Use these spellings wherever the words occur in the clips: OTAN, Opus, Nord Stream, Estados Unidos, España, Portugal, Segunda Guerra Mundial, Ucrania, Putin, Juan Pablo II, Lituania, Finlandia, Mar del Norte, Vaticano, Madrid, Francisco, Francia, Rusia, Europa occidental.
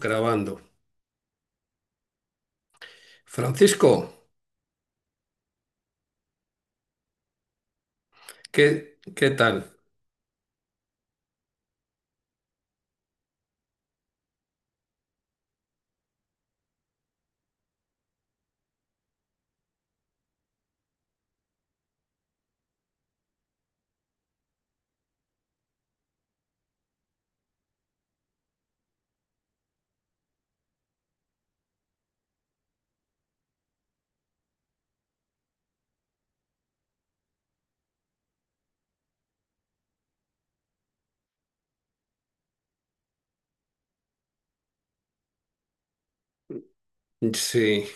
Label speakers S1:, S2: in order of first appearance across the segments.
S1: Grabando. Francisco, ¿qué tal? Sí,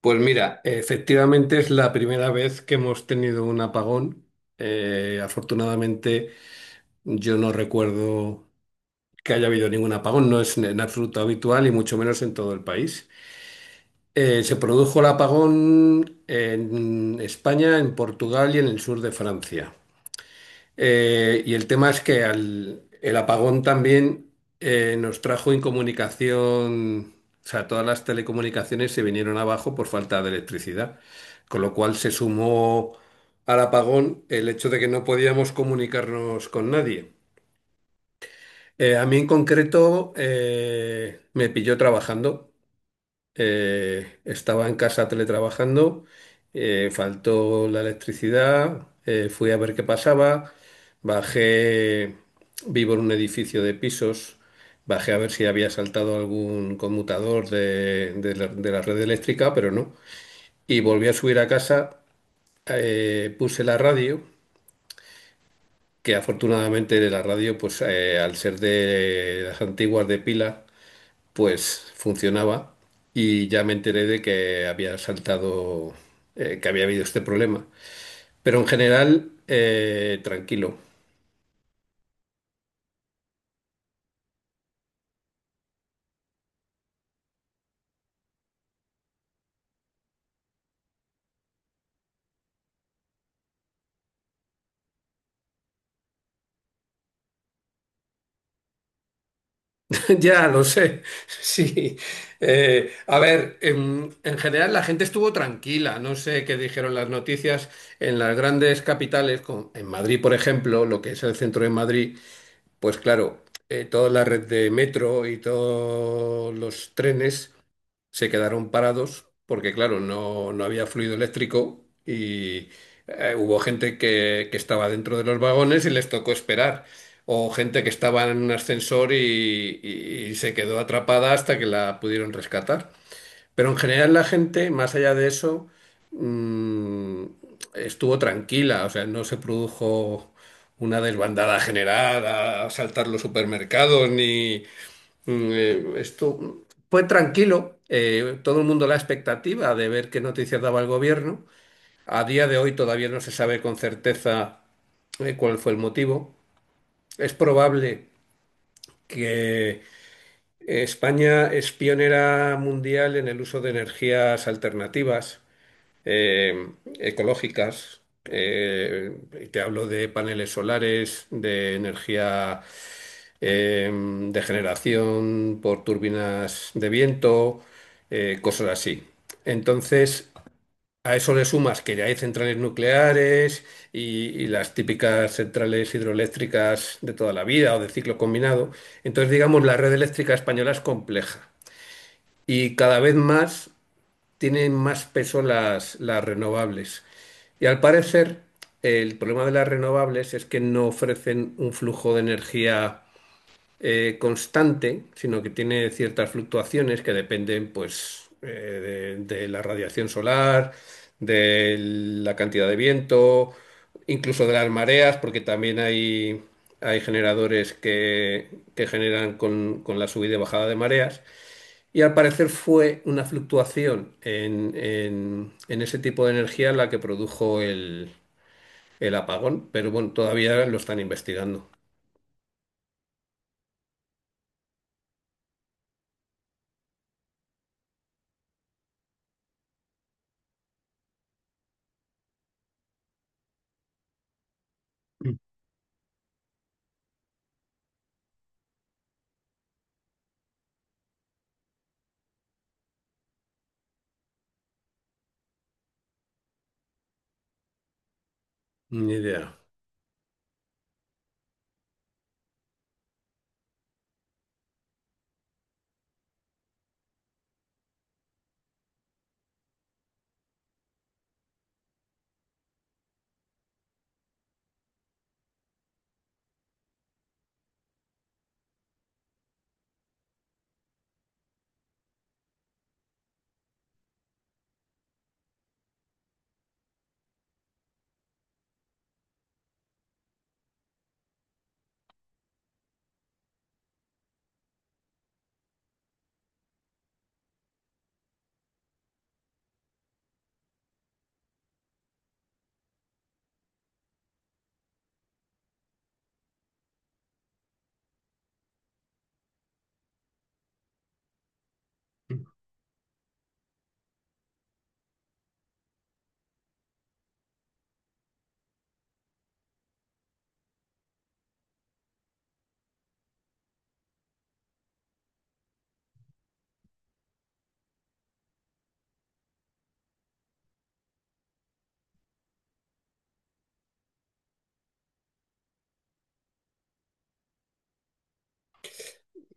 S1: pues mira, efectivamente es la primera vez que hemos tenido un apagón. Afortunadamente yo no recuerdo que haya habido ningún apagón, no es en absoluto habitual y mucho menos en todo el país. Se produjo el apagón en España, en Portugal y en el sur de Francia. Y el tema es que el apagón también nos trajo incomunicación, o sea, todas las telecomunicaciones se vinieron abajo por falta de electricidad, con lo cual se sumó al apagón el hecho de que no podíamos comunicarnos con nadie. A mí en concreto me pilló trabajando. Estaba en casa teletrabajando, faltó la electricidad, fui a ver qué pasaba, bajé, vivo en un edificio de pisos, bajé a ver si había saltado algún conmutador de la red eléctrica, pero no. Y volví a subir a casa, puse la radio, que afortunadamente la radio, pues al ser de las antiguas de pila, pues funcionaba y ya me enteré de que había saltado, que había habido este problema. Pero en general, tranquilo. Ya lo sé, sí. A ver, en general la gente estuvo tranquila. No sé qué dijeron las noticias en las grandes capitales, como en Madrid, por ejemplo, lo que es el centro de Madrid. Pues claro, toda la red de metro y todos los trenes se quedaron parados porque, claro, no había fluido eléctrico y hubo gente que estaba dentro de los vagones y les tocó esperar. O gente que estaba en un ascensor y se quedó atrapada hasta que la pudieron rescatar. Pero en general la gente, más allá de eso, mm, estuvo tranquila, o sea, no se produjo una desbandada general a saltar los supermercados, ni esto fue tranquilo. Todo el mundo la expectativa de ver qué noticias daba el gobierno. A día de hoy todavía no se sabe con certeza cuál fue el motivo. Es probable que España es pionera mundial en el uso de energías alternativas eh, ecológicas. eh, Te hablo de paneles solares, de energía de generación por turbinas de viento, cosas así. Entonces, a eso le sumas que ya hay centrales nucleares y las típicas centrales hidroeléctricas de toda la vida o de ciclo combinado. Entonces, digamos, la red eléctrica española es compleja y cada vez más tienen más peso las renovables. Y al parecer, el problema de las renovables es que no ofrecen un flujo de energía constante, sino que tiene ciertas fluctuaciones que dependen, pues, de la radiación solar, de la cantidad de viento, incluso de las mareas, porque también hay generadores que generan con la subida y bajada de mareas. Y al parecer fue una fluctuación en ese tipo de energía la que produjo el apagón, pero bueno, todavía lo están investigando. Ni idea.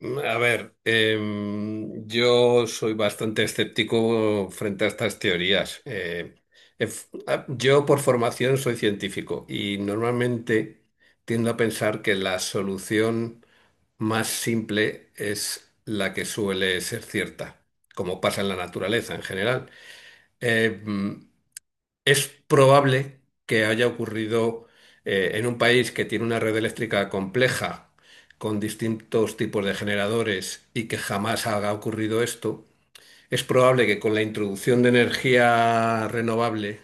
S1: A ver, yo soy bastante escéptico frente a estas teorías. Yo por formación soy científico y normalmente tiendo a pensar que la solución más simple es la que suele ser cierta, como pasa en la naturaleza en general. Em, es probable que haya ocurrido en un país que tiene una red eléctrica compleja, con distintos tipos de generadores y que jamás haya ocurrido esto. Es probable que con la introducción de energía renovable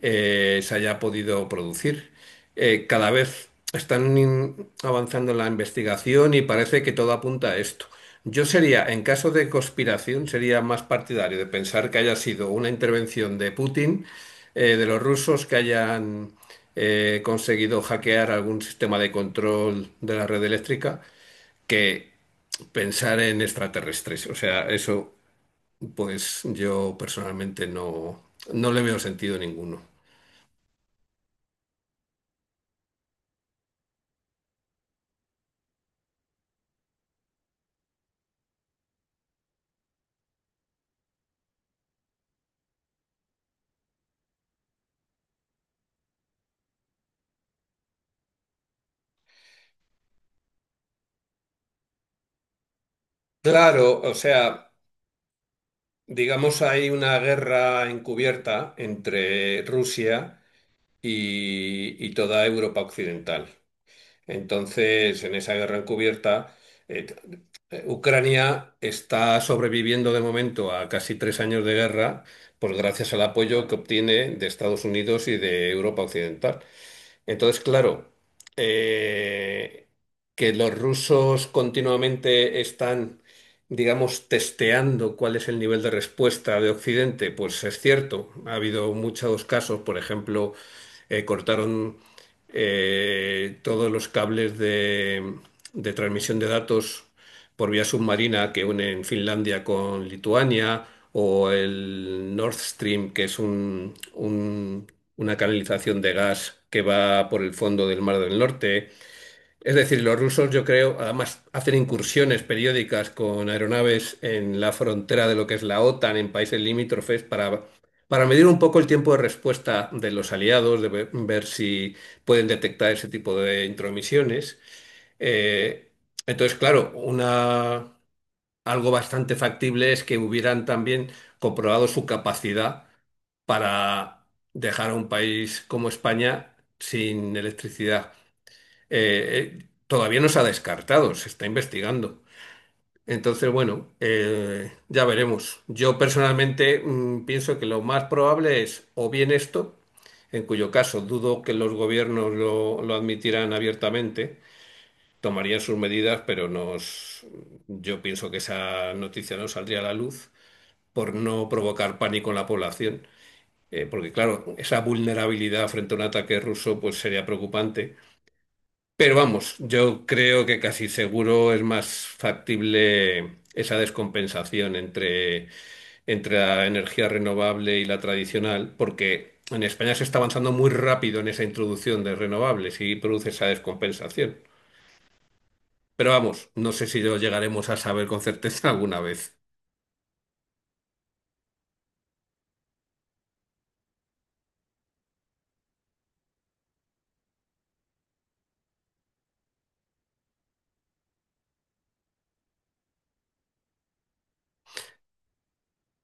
S1: se haya podido producir. Cada vez están avanzando en la investigación y parece que todo apunta a esto. Yo sería, en caso de conspiración, sería más partidario de pensar que haya sido una intervención de Putin, de los rusos que hayan conseguido hackear algún sistema de control de la red eléctrica, que pensar en extraterrestres. O sea, eso, pues yo personalmente no, no le veo sentido ninguno. Claro, o sea, digamos hay una guerra encubierta entre Rusia y toda Europa occidental. Entonces, en esa guerra encubierta, eh, t- Ucrania está sobreviviendo de momento a casi 3 años de guerra, pues gracias al apoyo que obtiene de Estados Unidos y de Europa occidental. Entonces, claro, eh, que los rusos continuamente están, digamos, testeando cuál es el nivel de respuesta de Occidente, pues es cierto. Ha habido muchos casos, por ejemplo, cortaron todos los cables de transmisión de datos por vía submarina que unen Finlandia con Lituania, o el Nord Stream, que es una canalización de gas que va por el fondo del Mar del Norte. Es decir, los rusos, yo creo, además hacen incursiones periódicas con aeronaves en la frontera de lo que es la OTAN, en países limítrofes, para medir un poco el tiempo de respuesta de los aliados, de ver, ver si pueden detectar ese tipo de intromisiones. Eh, entonces, claro, algo bastante factible es que hubieran también comprobado su capacidad para dejar a un país como España sin electricidad, todavía no se ha descartado, se está investigando. Entonces, bueno, ya veremos. Yo personalmente pienso que lo más probable es o bien esto, en cuyo caso dudo que los gobiernos lo admitirán abiertamente, tomarían sus medidas, pero yo pienso que esa noticia no saldría a la luz por no provocar pánico en la población. Porque claro, esa vulnerabilidad frente a un ataque ruso pues sería preocupante. Pero vamos, yo creo que casi seguro es más factible esa descompensación entre, entre la energía renovable y la tradicional, porque en España se está avanzando muy rápido en esa introducción de renovables y produce esa descompensación. Pero vamos, no sé si lo llegaremos a saber con certeza alguna vez.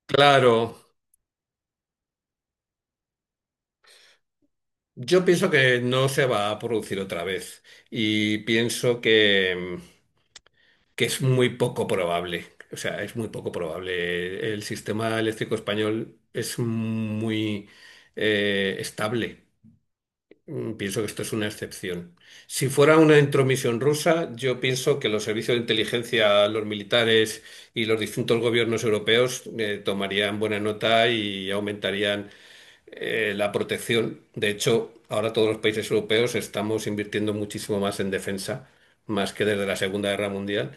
S1: Claro, yo pienso que no se va a producir otra vez y pienso que es muy poco probable. O sea, es muy poco probable. El sistema eléctrico español es muy estable. Pienso que esto es una excepción. Si fuera una intromisión rusa, yo pienso que los servicios de inteligencia, los militares y los distintos gobiernos europeos tomarían buena nota y aumentarían la protección. De hecho, ahora todos los países europeos estamos invirtiendo muchísimo más en defensa, más que desde la Segunda Guerra Mundial.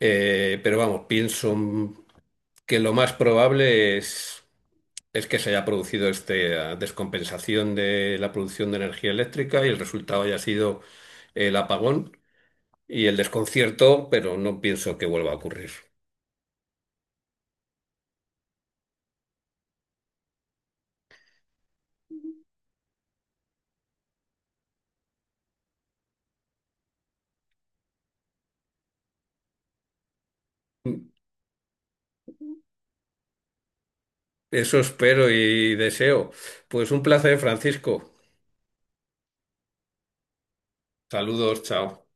S1: Pero vamos, pienso que lo más probable es que se haya producido esta descompensación de la producción de energía eléctrica y el resultado haya sido el apagón y el desconcierto, pero no pienso que vuelva a ocurrir. Eso espero y deseo. Pues un placer, Francisco. Saludos, chao.